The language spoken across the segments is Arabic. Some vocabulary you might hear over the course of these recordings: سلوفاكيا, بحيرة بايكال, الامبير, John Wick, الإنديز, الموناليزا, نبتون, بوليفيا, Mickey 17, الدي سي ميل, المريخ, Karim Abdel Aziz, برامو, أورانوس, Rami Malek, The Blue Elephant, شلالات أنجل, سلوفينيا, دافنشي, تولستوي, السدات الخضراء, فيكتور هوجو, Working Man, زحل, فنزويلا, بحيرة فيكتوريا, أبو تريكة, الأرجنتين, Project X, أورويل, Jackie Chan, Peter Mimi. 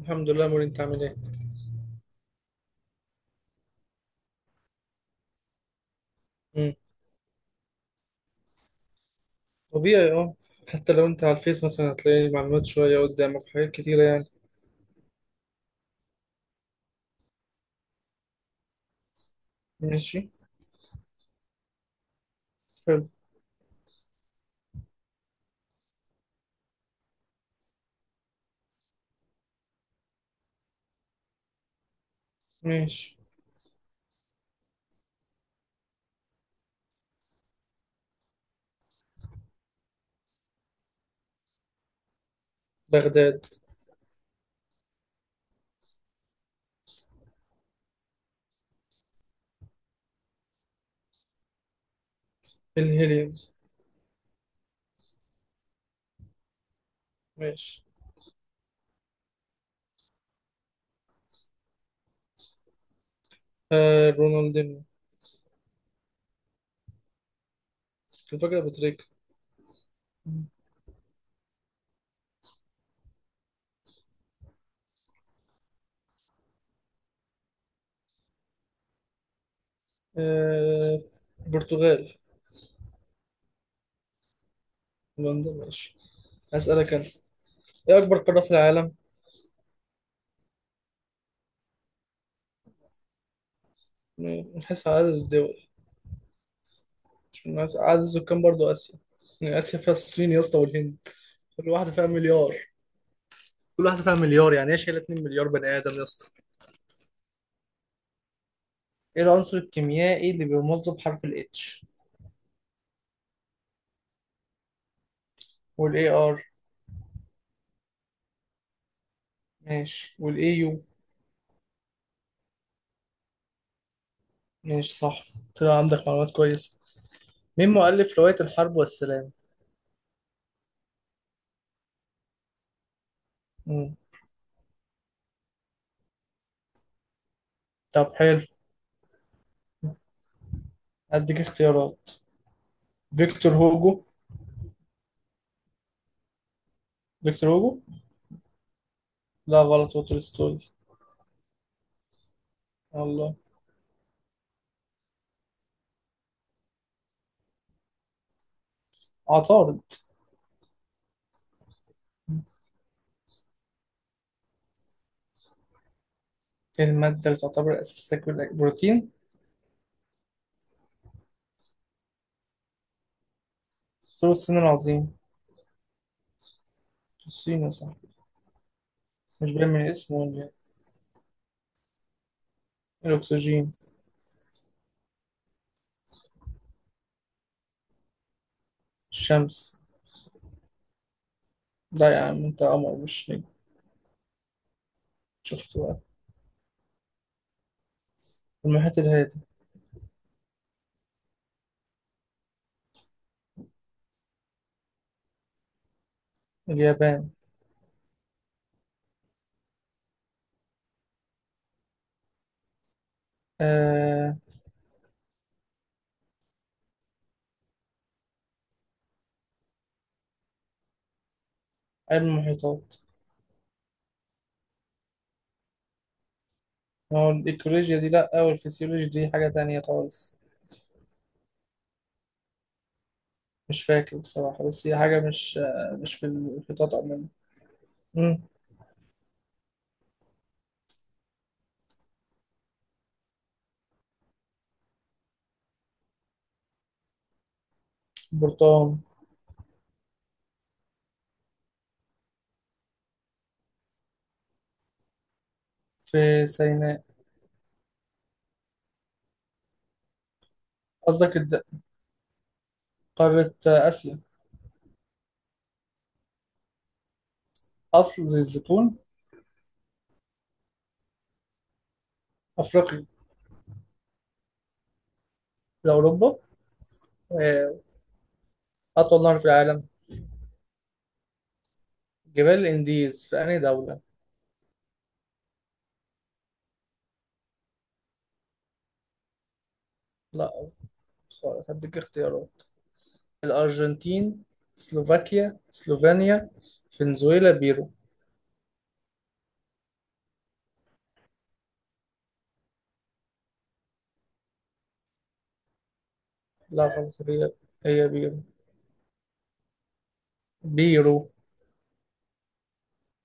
الحمد لله موري، انت عامل ايه؟ مم. طبيعي، اه. حتى لو انت على الفيس مثلا هتلاقي المعلومات شوية قدامك، حاجات كتيرة يعني. ماشي. حلو. ماشي. بغداد. الهيليوم. ماشي. آه، رونالدينيو. الفكرة أبو تريكة. مم. آه، البرتغال. هولندا، ماشي. هسألك أنا. ايه أكبر قارة في العالم؟ من حيث عدد الدول. مش من حيث عدد السكان، برضو آسيا. يعني آسيا فيها الصين يا اسطى والهند. كل واحدة فيها مليار. كل واحدة فيها مليار، يعني ايه؟ شايلة 2 مليار بني آدم يا اسطى. ايه العنصر الكيميائي اللي بيرمز له بحرف ال H؟ وال AR؟ ماشي، وال AU؟ ماشي، صح. طلع عندك معلومات كويسة. مين مؤلف رواية الحرب والسلام؟ مم. طب حلو، أديك اختيارات. فيكتور هوجو. فيكتور هوجو. لا غلط، هو تولستوي. الله. عطارد. إيه المادة اللي تعتبر أساس لكل بروتين؟ ثور الصين العظيم. الصين يا صاحبي. مش باين من اسمه ولا إيه؟ الأكسجين. الشمس. لا يا عم، أنت قمر مش نجم. شفت بقى. المحيط الهادي. اليابان. آه، علم المحيطات. ما هو الإيكولوجيا دي لأ، والفسيولوجي دي حاجة تانية خالص. مش فاكر بصراحة، بس هي حاجة مش مش في المحيطات عموما. مم. برتقال. في سيناء. قصدك قارة آسيا. أصل الزيتون. أفريقيا. ده أوروبا. آه، أطول نهر في العالم. جبال الإنديز في أنهي دولة؟ لأ، خالص. هديك اختيارات. الأرجنتين، سلوفاكيا، سلوفينيا، فنزويلا، بيرو. لا خلاص، هي بيرو. بيرو.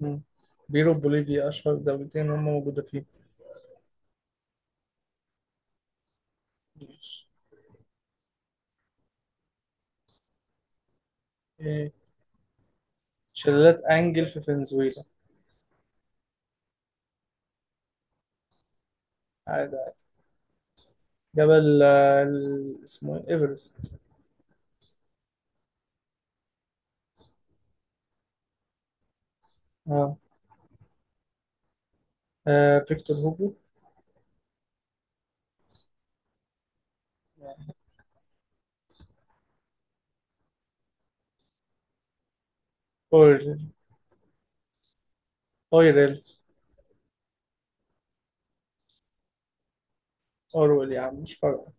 مم. بيرو، بوليفيا أشهر دولتين هم موجودة فيه. ماشي. إيه. شلالات أنجل في فنزويلا. عادي عادي. جبل اسمه إيه؟ إيفرست. آه. آه، فيكتور هوجو. أورل. أوريل. أورويل يا عم، مش فارقة.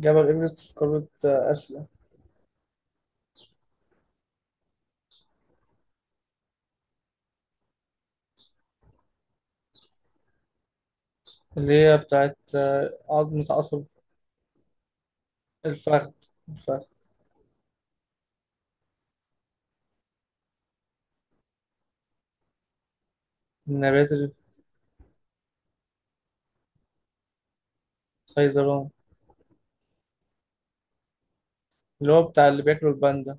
جبل إيفرست في قارة آسيا. اللي هي بتاعت عظمة عصب. الفخذ. الفخذ. النبات. الخيزران. اللي هو بتاع اللي بياكلوا الباندا.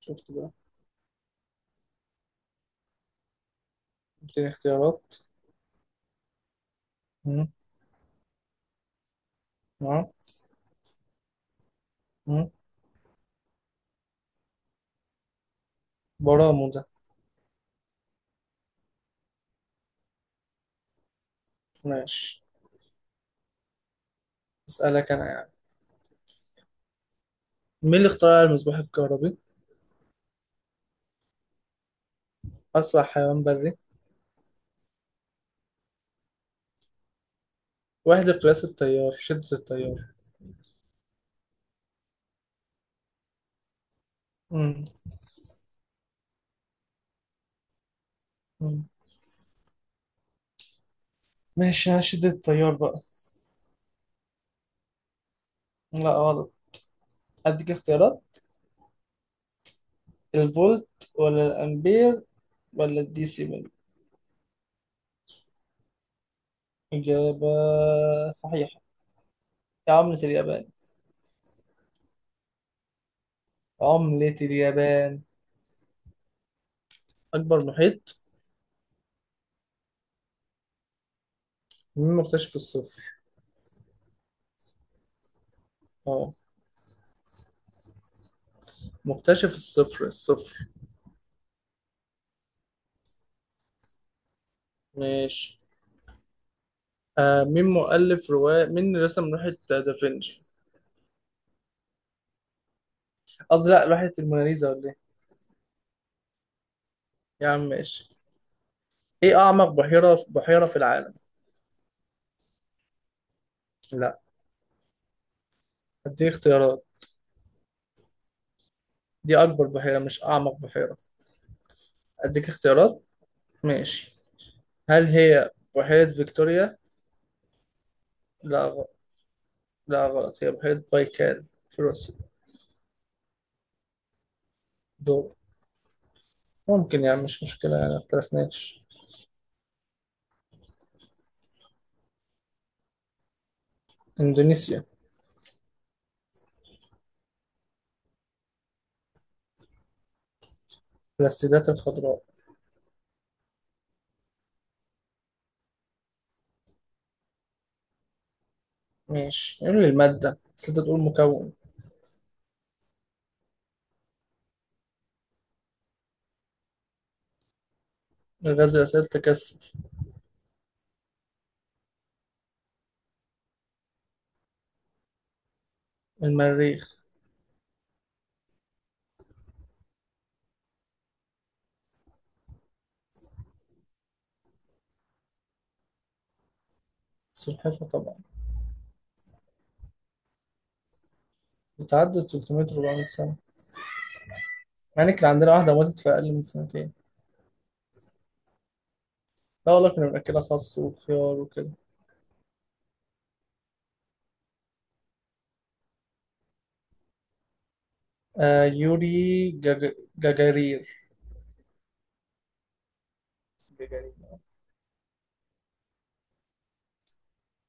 شفت بقى. اديني اختيارات. اه. آه. برامو ده. ماشي. اسألك انا يعني، مين اللي اخترع المصباح الكهربي؟ اسرع حيوان بري. وحدة قياس التيار، شدة التيار. مم. مم. ماشي، على شدة التيار بقى. لا غلط، اديك اختيارات. الفولت ولا الامبير ولا الدي سي ميل. اجابة صحيحة. دي عملة اليابان. عملة اليابان. اكبر محيط. مين مكتشف الصفر؟ اه. مكتشف الصفر، الصفر. ماشي. آه، مين مؤلف رواية مين رسم لوحة دافنشي؟ قصدي لا، لوحة الموناليزا ولا ايه؟ يا عم ماشي. ايه أعمق بحيرة في العالم؟ لا. أديك اختيارات. دي أكبر بحيرة مش أعمق بحيرة. أديك اختيارات. ماشي. هل هي بحيرة فيكتوريا؟ لا غ... لا غلط، هي بحيرة بايكال في روسيا. دور. ممكن يعني، مش مشكلة يعني، ما اختلفناش. إندونيسيا. السدات الخضراء. ماشي، قول لي المادة بس، أنت تقول مكون. الغاز الأساسي تكثف. المريخ. سلحفاة طبعا. بتعدي 300 400 سنة. مع إن كان عندنا واحدة ماتت في أقل من سنتين. لا والله، كنا بنأكلها خس وخيار وكده. آه، جاجارير. جاجارير.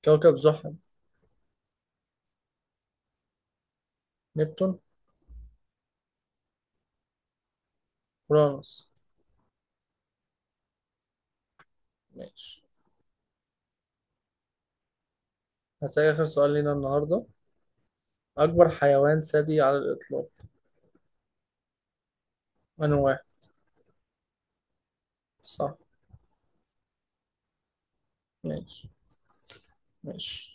كوكب زحل. نبتون. أورانوس. ماشي. هسألك آخر سؤال لينا النهاردة. أكبر حيوان ثدي على الإطلاق. أنا واحد. صح. ماشي. ماشي.